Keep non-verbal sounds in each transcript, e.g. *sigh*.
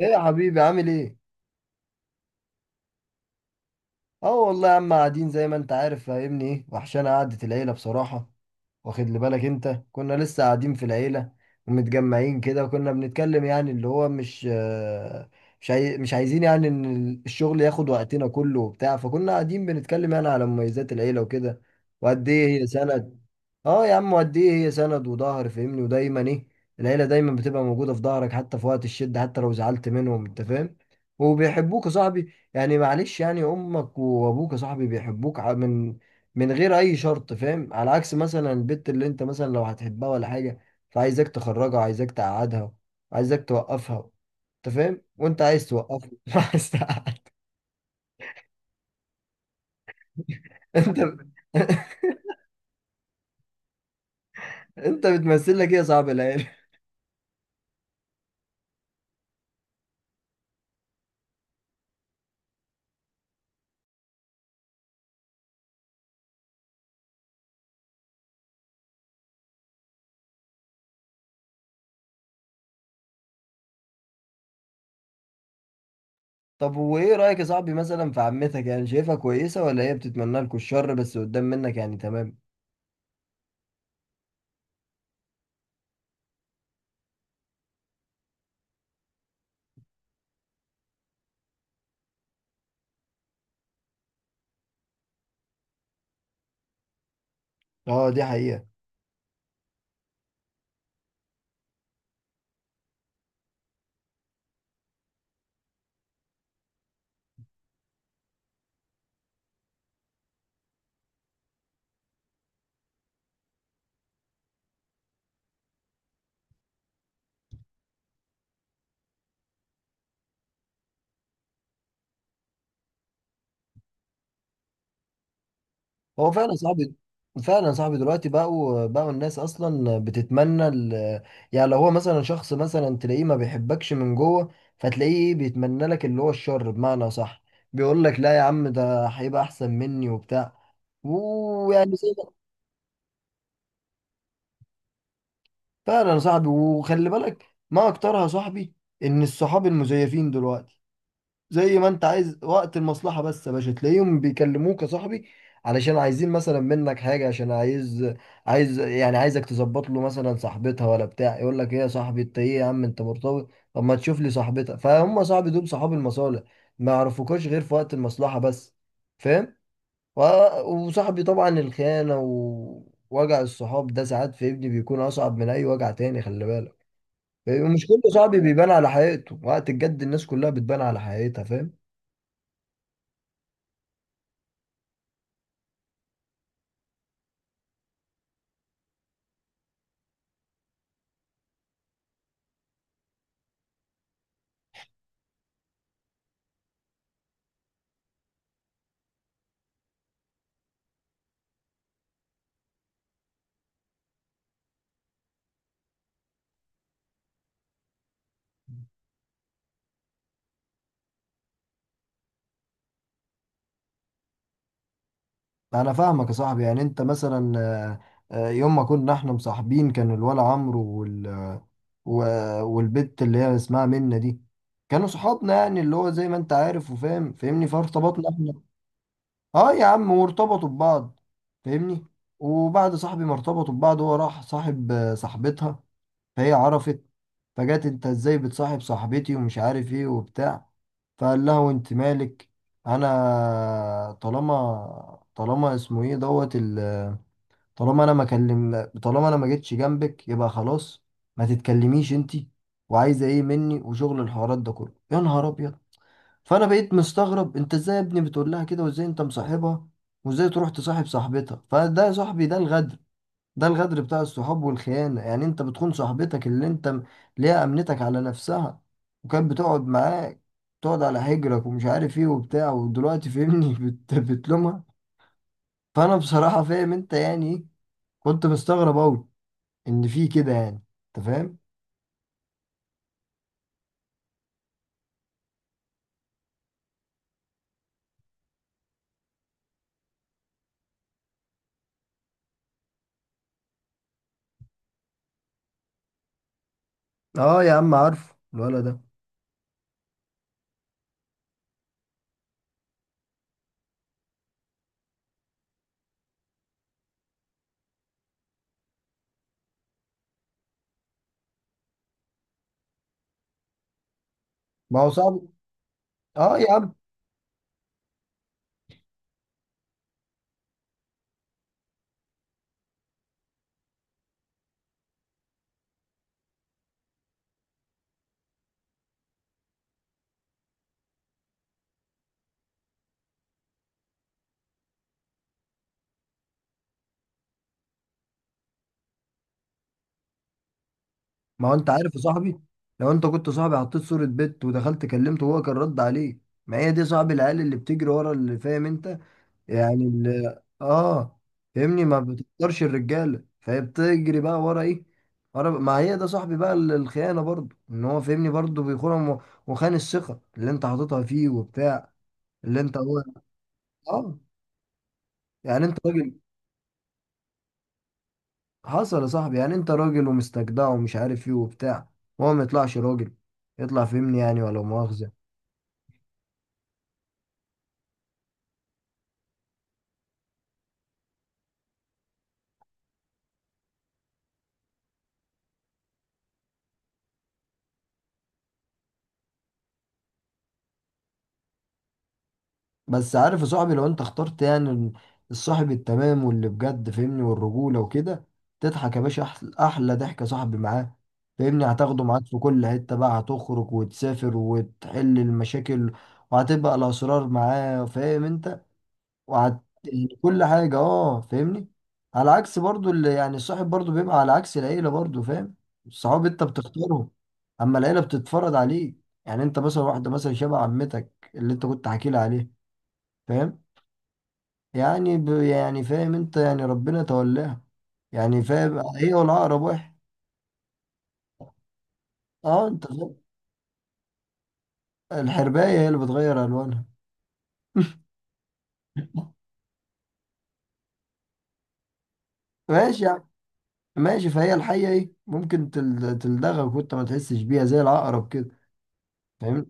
ايه يا حبيبي عامل ايه؟ اه والله يا عم، قاعدين زي ما انت عارف، فاهمني؟ ايه وحشانة قعدة العيلة بصراحة. واخد لي بالك انت؟ كنا لسه قاعدين في العيلة ومتجمعين كده، وكنا بنتكلم يعني اللي هو مش عايزين يعني ان الشغل ياخد وقتنا كله وبتاع، فكنا قاعدين بنتكلم يعني على مميزات العيلة وكده، وقد ايه هي سنة. اه يا عم، قد ايه هي سند وظهر، فاهمني؟ ودايما ايه، العيله دايما بتبقى موجوده في ظهرك، حتى في وقت الشده، حتى لو زعلت منهم، انت فاهم؟ وبيحبوك يا صاحبي، يعني معلش، يعني امك وابوك يا صاحبي بيحبوك من غير اي شرط، فاهم؟ على عكس مثلا البت اللي انت مثلا لو هتحبها ولا حاجه، فعايزك تخرجها، عايزك تقعدها، عايزك توقفها، انت فاهم؟ وانت عايز توقفها *laughs* مش عايز انت *laughs* انت بتمثل لك ايه يا صاحبي العيله؟ طب وايه رأيك يا صاحبي مثلا في عمتك؟ يعني شايفها كويسة، ولا هي بتتمنى لكم الشر بس قدام منك يعني؟ تمام. اه، دي حقيقة. هو فعلا صاحبي، فعلا صاحبي. دلوقتي بقوا الناس اصلا بتتمنى يعني لو هو مثلا شخص مثلا تلاقيه ما بيحبكش من جوه، فتلاقيه بيتمنى لك اللي هو الشر، بمعنى صح، بيقول لك لا يا عم، ده هيبقى احسن مني وبتاع، ويعني زي ما- فعلا صاحبي، وخلي بالك ما اكترها صاحبي، ان الصحاب المزيفين دلوقتي زي ما انت عايز، وقت المصلحة بس يا باشا تلاقيهم بيكلموك يا صاحبي، علشان عايزين مثلا منك حاجة، عشان عايز يعني عايزك تظبط له مثلا صاحبتها ولا بتاع، يقول لك ايه يا صاحبي، انت ايه يا عم، انت مرتبط، طب ما تشوف لي صاحبتها، فهم صاحبي، دول صحاب المصالح، ما يعرفوكوش غير في وقت المصلحة بس، فاهم؟ و- وصاحبي طبعا الخيانة ووجع الصحاب ده، ساعات في ابني بيكون أصعب من أي وجع تاني، خلي بالك. ومش كل صاحبي بيبان على حقيقته، وقت الجد الناس كلها بتبان على حقيقتها، فاهم؟ انا فاهمك يا صاحبي، يعني انت مثلا يوم ما كنا احنا مصاحبين، كان الولا عمرو وال... و- والبت اللي هي اسمها منة دي، كانوا صحابنا، يعني اللي هو زي ما انت عارف وفاهم، فاهمني؟ فارتبطنا احنا، اه يا عم، وارتبطوا ببعض، فاهمني؟ وبعد صاحبي ما ارتبطوا ببعض، هو راح صاحب صاحبتها، فهي عرفت، فجت انت ازاي بتصاحب صاحبتي ومش عارف ايه وبتاع، فقال لها وانت مالك، انا طالما اسمه ايه دوت ال، طالما انا ما كلم، طالما انا ما جيتش جنبك، يبقى خلاص ما تتكلميش انتي، وعايزه ايه مني، وشغل الحوارات ده كله، يا نهار ابيض. فانا بقيت مستغرب، انت ازاي يا ابني بتقول لها كده، وازاي انت مصاحبها، وازاي تروح تصاحب صاحبتها، فده يا صاحبي ده الغدر، ده الغدر بتاع الصحاب والخيانه، يعني انت بتخون صاحبتك اللي انت ليها، امنتك على نفسها وكانت بتقعد معاك، تقعد على حجرك ومش عارف ايه وبتاع، ودلوقتي فهمني *laughs* بتلومها. فانا بصراحه فاهم انت يعني ايه، كنت مستغرب اوي ان في كده يعني، انت فاهم. اه يا عم، عارفه الولد ده. ما هو صاحبي. اه يا عم، ما هو انت عارف يا صاحبي، لو انت كنت صاحبي، حطيت صورة بنت، ودخلت كلمته وهو كان رد عليه. ما هي دي صاحب العيال، اللي بتجري ورا اللي فاهم انت، يعني اللي اه فاهمني، ما بتقدرش الرجالة، فهي بتجري بقى ورا ايه؟ ورا، ما هي ده صاحبي بقى، ال- الخيانة برضه، ان هو فاهمني برضه بيخونهم، و- وخان الثقة اللي انت حاططها فيه وبتاع، اللي انت هو، اه، يعني انت راجل. حصل يا صاحبي، يعني انت راجل ومستجدع ومش عارف ايه وبتاع، وهو ما يطلعش راجل، يطلع فهمني يعني، ولا مؤاخذة. بس عارف يا صاحبي، لو انت اخترت يعني الصاحب التمام، واللي بجد فهمني والرجولة وكده، تضحك يا باشا، أحلى ضحك يا صاحبي معاه، فهمني هتاخده معاك في كل حتة بقى، هتخرج وتسافر وتحل المشاكل، وهتبقى الأسرار معاه، فاهم انت؟ يعني كل حاجة، اه فاهمني. على عكس برضو اللي يعني الصاحب برضو، بيبقى على عكس العيلة برضو، فاهم؟ الصحاب انت بتختارهم، اما العيلة بتتفرض عليك، يعني انت مثلا واحدة مثلا شبه عمتك اللي انت كنت حكي لي عليه، فاهم؟ يعني يعني فاهم انت، يعني ربنا تولاها، يعني فاهم، هي والعقرب واحد، اه انت فاهم. الحرباية هي اللي بتغير الوانها *laughs* ماشي يعني، ماشي، فهي الحية ايه، ممكن تلدغك وانت ما تحسش بيها زي العقرب كده، فاهمني؟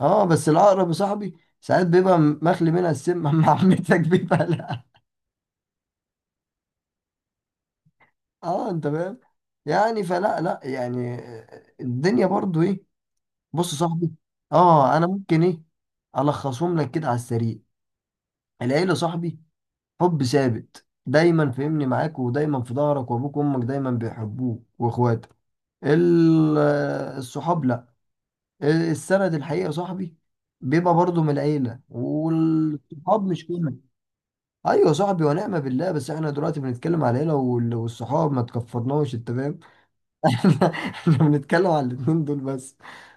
اه بس العقرب يا صاحبي، ساعات بيبقى مخلي منها السم *laughs* مع عمتك بيبقى لا. اه انت فاهم، يعني فلا لا يعني، الدنيا برضو ايه، بص يا صاحبي، اه انا ممكن ايه، الخصهم لك كده على السريع. العيله صاحبي حب ثابت دايما، فهمني معاك ودايما في ظهرك، وابوك وامك دايما بيحبوك واخواتك. ال- الصحاب لا، السند الحقيقه صاحبي بيبقى برضو من العيله، والصحاب مش كله. ايوه صاحبي ونعم بالله، بس احنا دلوقتي بنتكلم على العيله وال- والصحاب، ما تكفرناش انت فاهم، *laughs* احنا بنتكلم على الاتنين دول بس،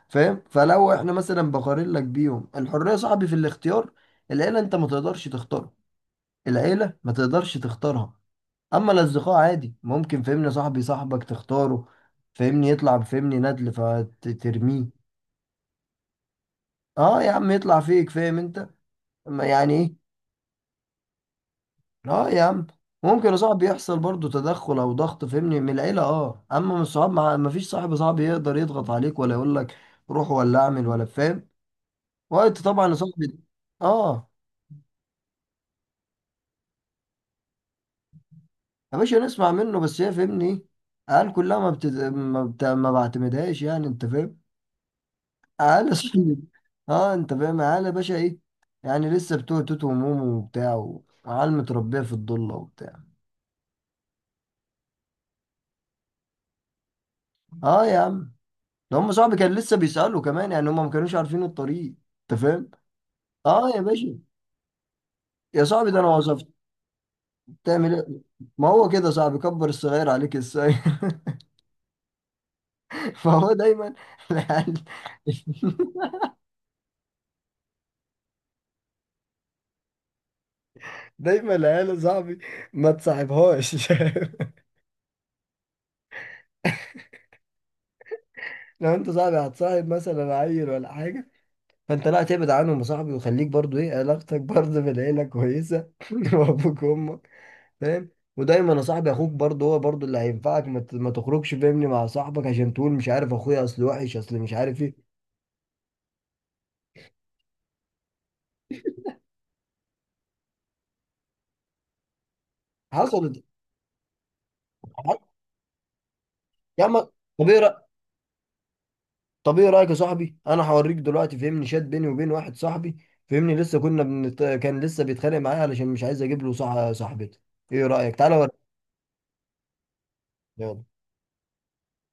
فاهم؟ فلو احنا مثلا بقارن لك بيهم، الحريه صاحبي في الاختيار، العيله انت ما تقدرش تختارها، العيله ما تقدرش تختارها، اما الاصدقاء عادي ممكن، فهمني صاحبي، صاحبك تختاره، فهمني يطلع، فهمني ندل فترميه. اه يا عم، يطلع فيك، فاهم انت؟ ما يعني إيه؟ اه يا عم، ممكن يا صاحبي يحصل برضو تدخل او ضغط فهمني من العيله، اه، اما من الصحاب ما فيش صاحب يقدر يضغط عليك ولا يقول لك روح ولا اعمل ولا فاهم، وقت طبعا يا صاحبي. اه يا باشا، نسمع منه، بس هي فهمني، قال كلها ما بعتمدهاش يعني، انت فاهم، قال يا صاحبي، اه انت فاهم، قال يا باشا ايه، يعني لسه بتوع توت ومومو وبتاع، وعيال متربيه في الضله وبتاع. اه يا عم، ده هم صاحبي كان لسه بيسالوا كمان، يعني هم ما كانوش عارفين الطريق، انت فاهم. اه يا باشا، يا صاحبي ده انا وصفت، تعمل ايه؟ ما هو كده صاحبي، كبر الصغير عليك ازاي، *laughs* فهو دايما العيال *laughs* دايما العيال يا صاحبي، ما تصاحبهاش *laughs* لو انت صاحبي هتصاحب مثلا عيل ولا حاجه، فانت لا تبعد عنهم يا صاحبي، وخليك برضو ايه علاقتك برضو بالعيله كويسه *laughs* وابوك وامك، فاهم؟ ودايما يا صاحبي، اخوك برضه هو برضه اللي هينفعك، ما تخرجش فاهمني مع صاحبك، عشان تقول مش عارف، اخويا اصل وحش، اصل مش عارف ايه. حصلت يا عم، طب ايه رأ- طب ايه رايك يا صاحبي، انا هوريك دلوقتي فهمني شات بيني وبين واحد صاحبي، فهمني لسه كان لسه بيتخانق معايا علشان مش عايز اجيب له صاحبتي. ايه رايك، تعالى اوريك، يلا.